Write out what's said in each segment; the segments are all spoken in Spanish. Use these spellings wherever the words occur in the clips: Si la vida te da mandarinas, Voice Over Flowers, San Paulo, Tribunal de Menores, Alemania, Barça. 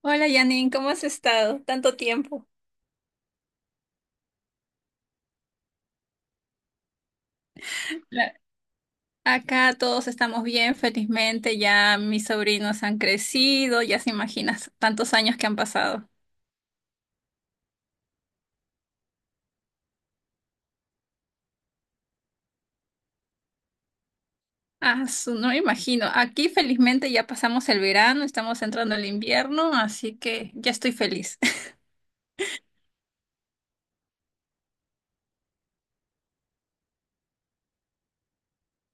Hola Janine, ¿cómo has estado? Tanto tiempo. La- Acá todos estamos bien, felizmente. Ya mis sobrinos han crecido, ya se imaginas tantos años que han pasado. Ah, no me imagino. Aquí felizmente ya pasamos el verano, estamos entrando al invierno, así que ya estoy feliz.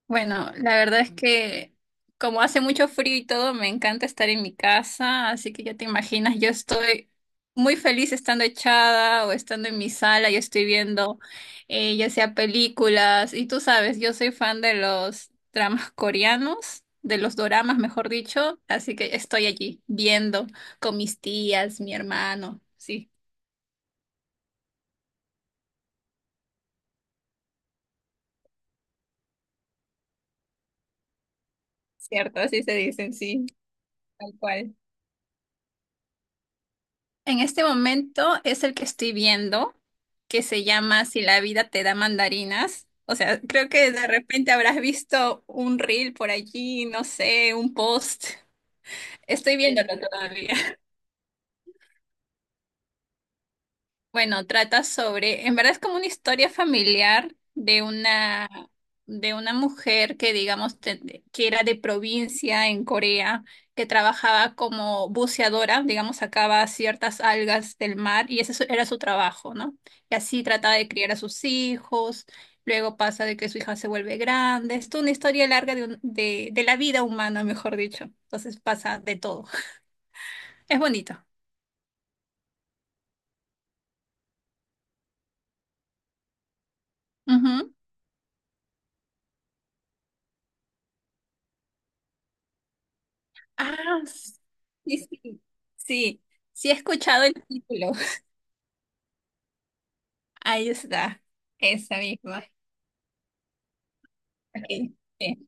Bueno, la verdad es que como hace mucho frío y todo, me encanta estar en mi casa, así que ya te imaginas, yo estoy muy feliz estando echada o estando en mi sala y estoy viendo ya sea películas, y tú sabes, yo soy fan de los dramas coreanos, de los doramas, mejor dicho, así que estoy allí viendo con mis tías, mi hermano, sí, cierto, así se dicen, sí, tal cual. En este momento es el que estoy viendo, que se llama Si la vida te da mandarinas. O sea, creo que de repente habrás visto un reel por allí, no sé, un post. Estoy viéndolo todavía. Bueno, trata sobre, en verdad es como una historia familiar de una mujer que digamos que era de provincia en Corea, que trabajaba como buceadora, digamos, sacaba ciertas algas del mar y ese era su trabajo, ¿no? Y así trataba de criar a sus hijos, luego pasa de que su hija se vuelve grande, es toda una historia larga de, de la vida humana, mejor dicho, entonces pasa de todo. Es bonito. Ah, sí, sí, sí, sí he escuchado el título. Ahí está, esa misma. Ok, sí.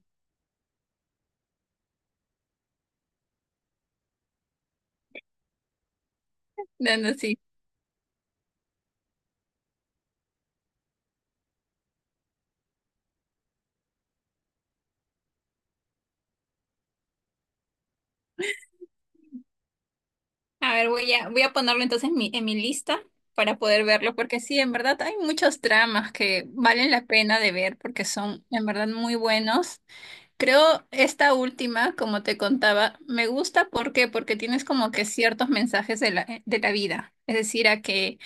No, no, sí. A ver, voy a ponerlo entonces en en mi lista para poder verlo, porque sí, en verdad hay muchos dramas que valen la pena de ver porque son en verdad muy buenos. Creo esta última, como te contaba, me gusta ¿por qué? Porque tienes como que ciertos mensajes de de la vida, es decir, a que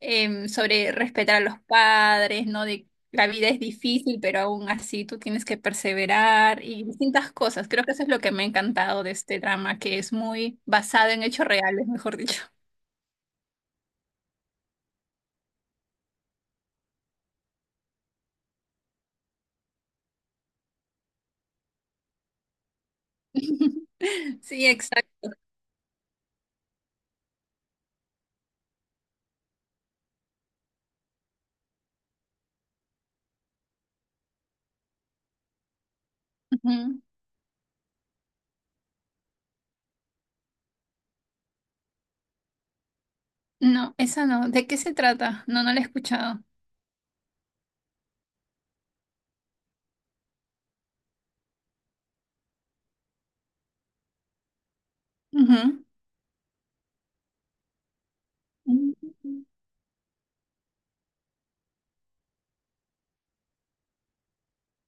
sobre respetar a los padres, ¿no? De la vida es difícil, pero aún así tú tienes que perseverar y distintas cosas. Creo que eso es lo que me ha encantado de este drama, que es muy basado en hechos reales, mejor dicho. Sí, exacto. Ujú. No, esa no. ¿De qué se trata? No, no la he escuchado. Ujú.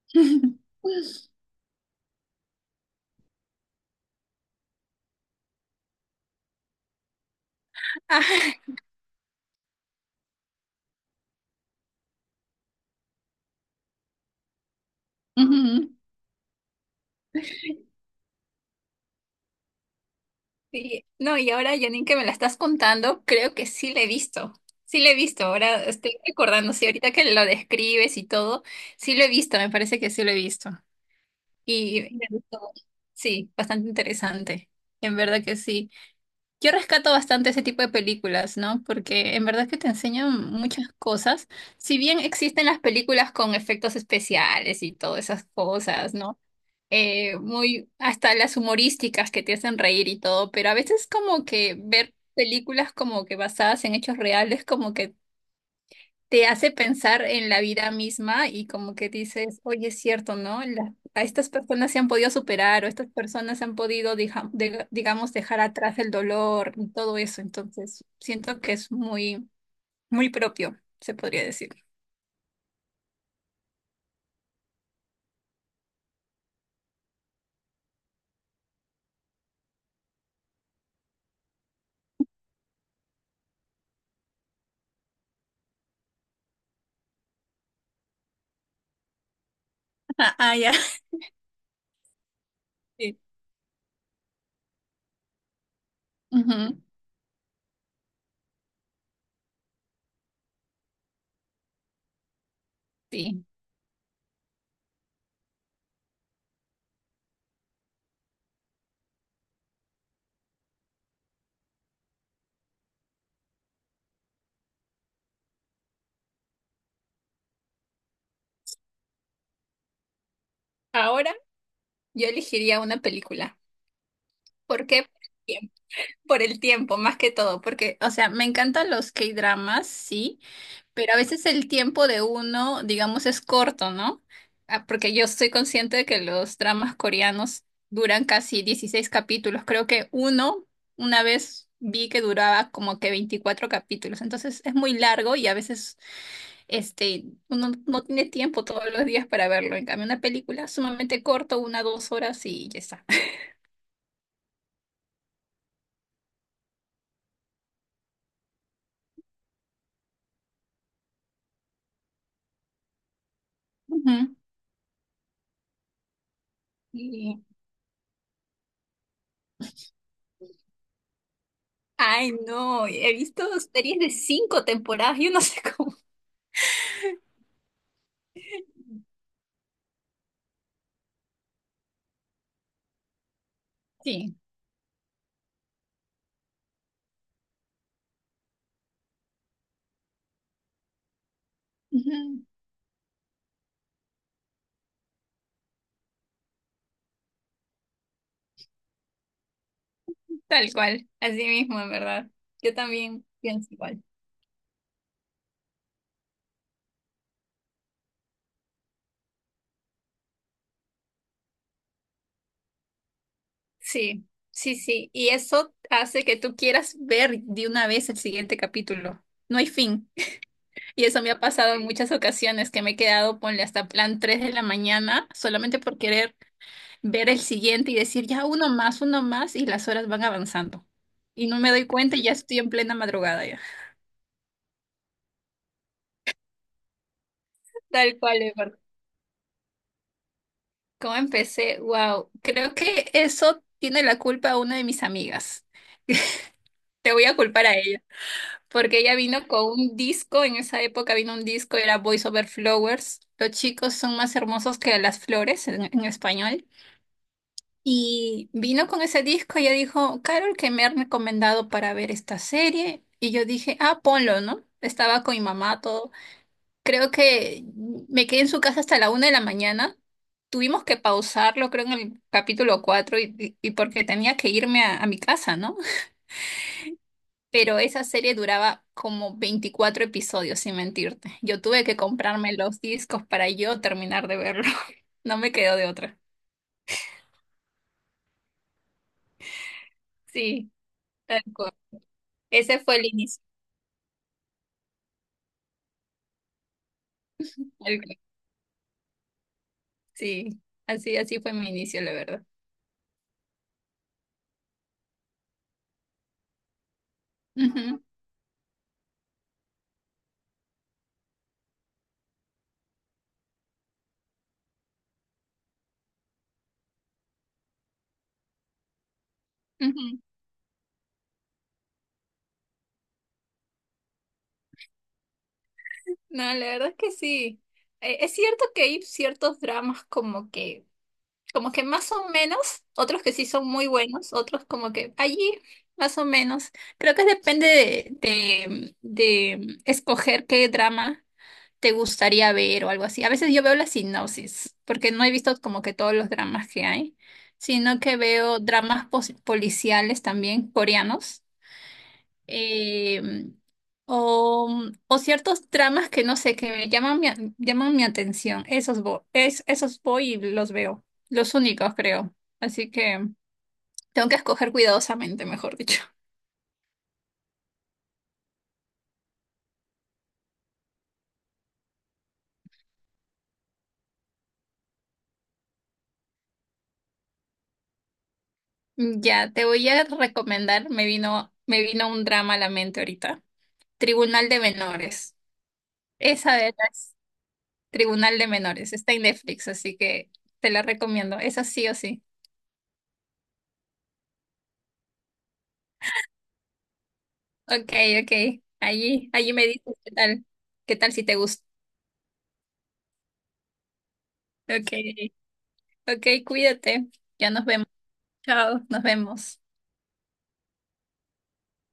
Ah, Ujú. Sí. No, y ahora, Janine, que me la estás contando, creo que sí la he visto. Sí la he visto, ahora estoy recordando, sí, ahorita que lo describes y todo, sí lo he visto, me parece que sí lo he visto. Y me gustó. Sí, bastante interesante. En verdad que sí. Yo rescato bastante ese tipo de películas, ¿no? Porque en verdad que te enseñan muchas cosas. Si bien existen las películas con efectos especiales y todas esas cosas, ¿no? Muy, hasta las humorísticas que te hacen reír y todo, pero a veces como que ver películas como que basadas en hechos reales, como que te hace pensar en la vida misma y como que dices, oye, es cierto, ¿no? A estas personas se han podido superar o estas personas han podido, digamos, dejar atrás el dolor y todo eso, entonces siento que es muy, muy propio, se podría decir. Ah, ah, ya. Sí. Ujú, sí. Ahora yo elegiría una película. ¿Por qué? Por el tiempo, más que todo, porque, o sea, me encantan los K-dramas, sí, pero a veces el tiempo de uno, digamos, es corto, ¿no? Ah, porque yo estoy consciente de que los dramas coreanos duran casi 16 capítulos. Creo que uno, una vez vi que duraba como que 24 capítulos. Entonces es muy largo y a veces este, uno no tiene tiempo todos los días para verlo. En cambio, una película sumamente corto, una, dos horas y ya está. Ujú. Ay, no, he visto series de 5 temporadas, yo no sé cómo. Sí. Ujú, tal cual, así mismo, en verdad. Yo también pienso igual. Sí, sí, sí. Y eso hace que tú quieras ver de una vez el siguiente capítulo. No hay fin. Y eso me ha pasado en muchas ocasiones que me he quedado, ponle hasta plan 3 de la mañana, solamente por querer ver el siguiente y decir ya uno más, y las horas van avanzando. Y no me doy cuenta y ya estoy en plena madrugada ya. Tal cual. ¿Cómo empecé? Wow, creo que eso tiene la culpa una de mis amigas. Te voy a culpar a ella, porque ella vino con un disco, en esa época vino un disco, era Voice Over Flowers. Los chicos son más hermosos que las flores en español. Y vino con ese disco y ella dijo, Carol, que me han recomendado para ver esta serie. Y yo dije, ah, ponlo, ¿no? Estaba con mi mamá, todo. Creo que me quedé en su casa hasta la una de la mañana. Tuvimos que pausarlo, creo, en el capítulo 4 y porque tenía que irme a mi casa, ¿no? Pero esa serie duraba como 24 episodios, sin mentirte. Yo tuve que comprarme los discos para yo terminar de verlo. No me quedó de otra. Sí, tal cual. Ese fue el inicio. Tal cual. Sí, así, así fue mi inicio, la verdad. Ujú, ujú. No, la verdad es que sí. Es cierto que hay ciertos dramas como que más o menos, otros que sí son muy buenos, otros como que allí más o menos. Creo que depende de, de escoger qué drama te gustaría ver o algo así. A veces yo veo la sinopsis, porque no he visto como que todos los dramas que hay, sino que veo dramas policiales también coreanos eh, o, o ciertos dramas que no sé, que me llaman mi, llaman mi atención. Esos voy, es, esos voy y los veo. Los únicos, creo. Así que tengo que escoger cuidadosamente, mejor dicho. Ya, te voy a recomendar, me vino un drama a la mente ahorita. Tribunal de Menores. Esa de las Tribunal de Menores. Está en Netflix, así que te la recomiendo. Esa sí o sí. Ok, ok. Allí, allí me dices qué tal si te gusta. Ok, ok, cuídate. Ya nos vemos. Chao, nos vemos.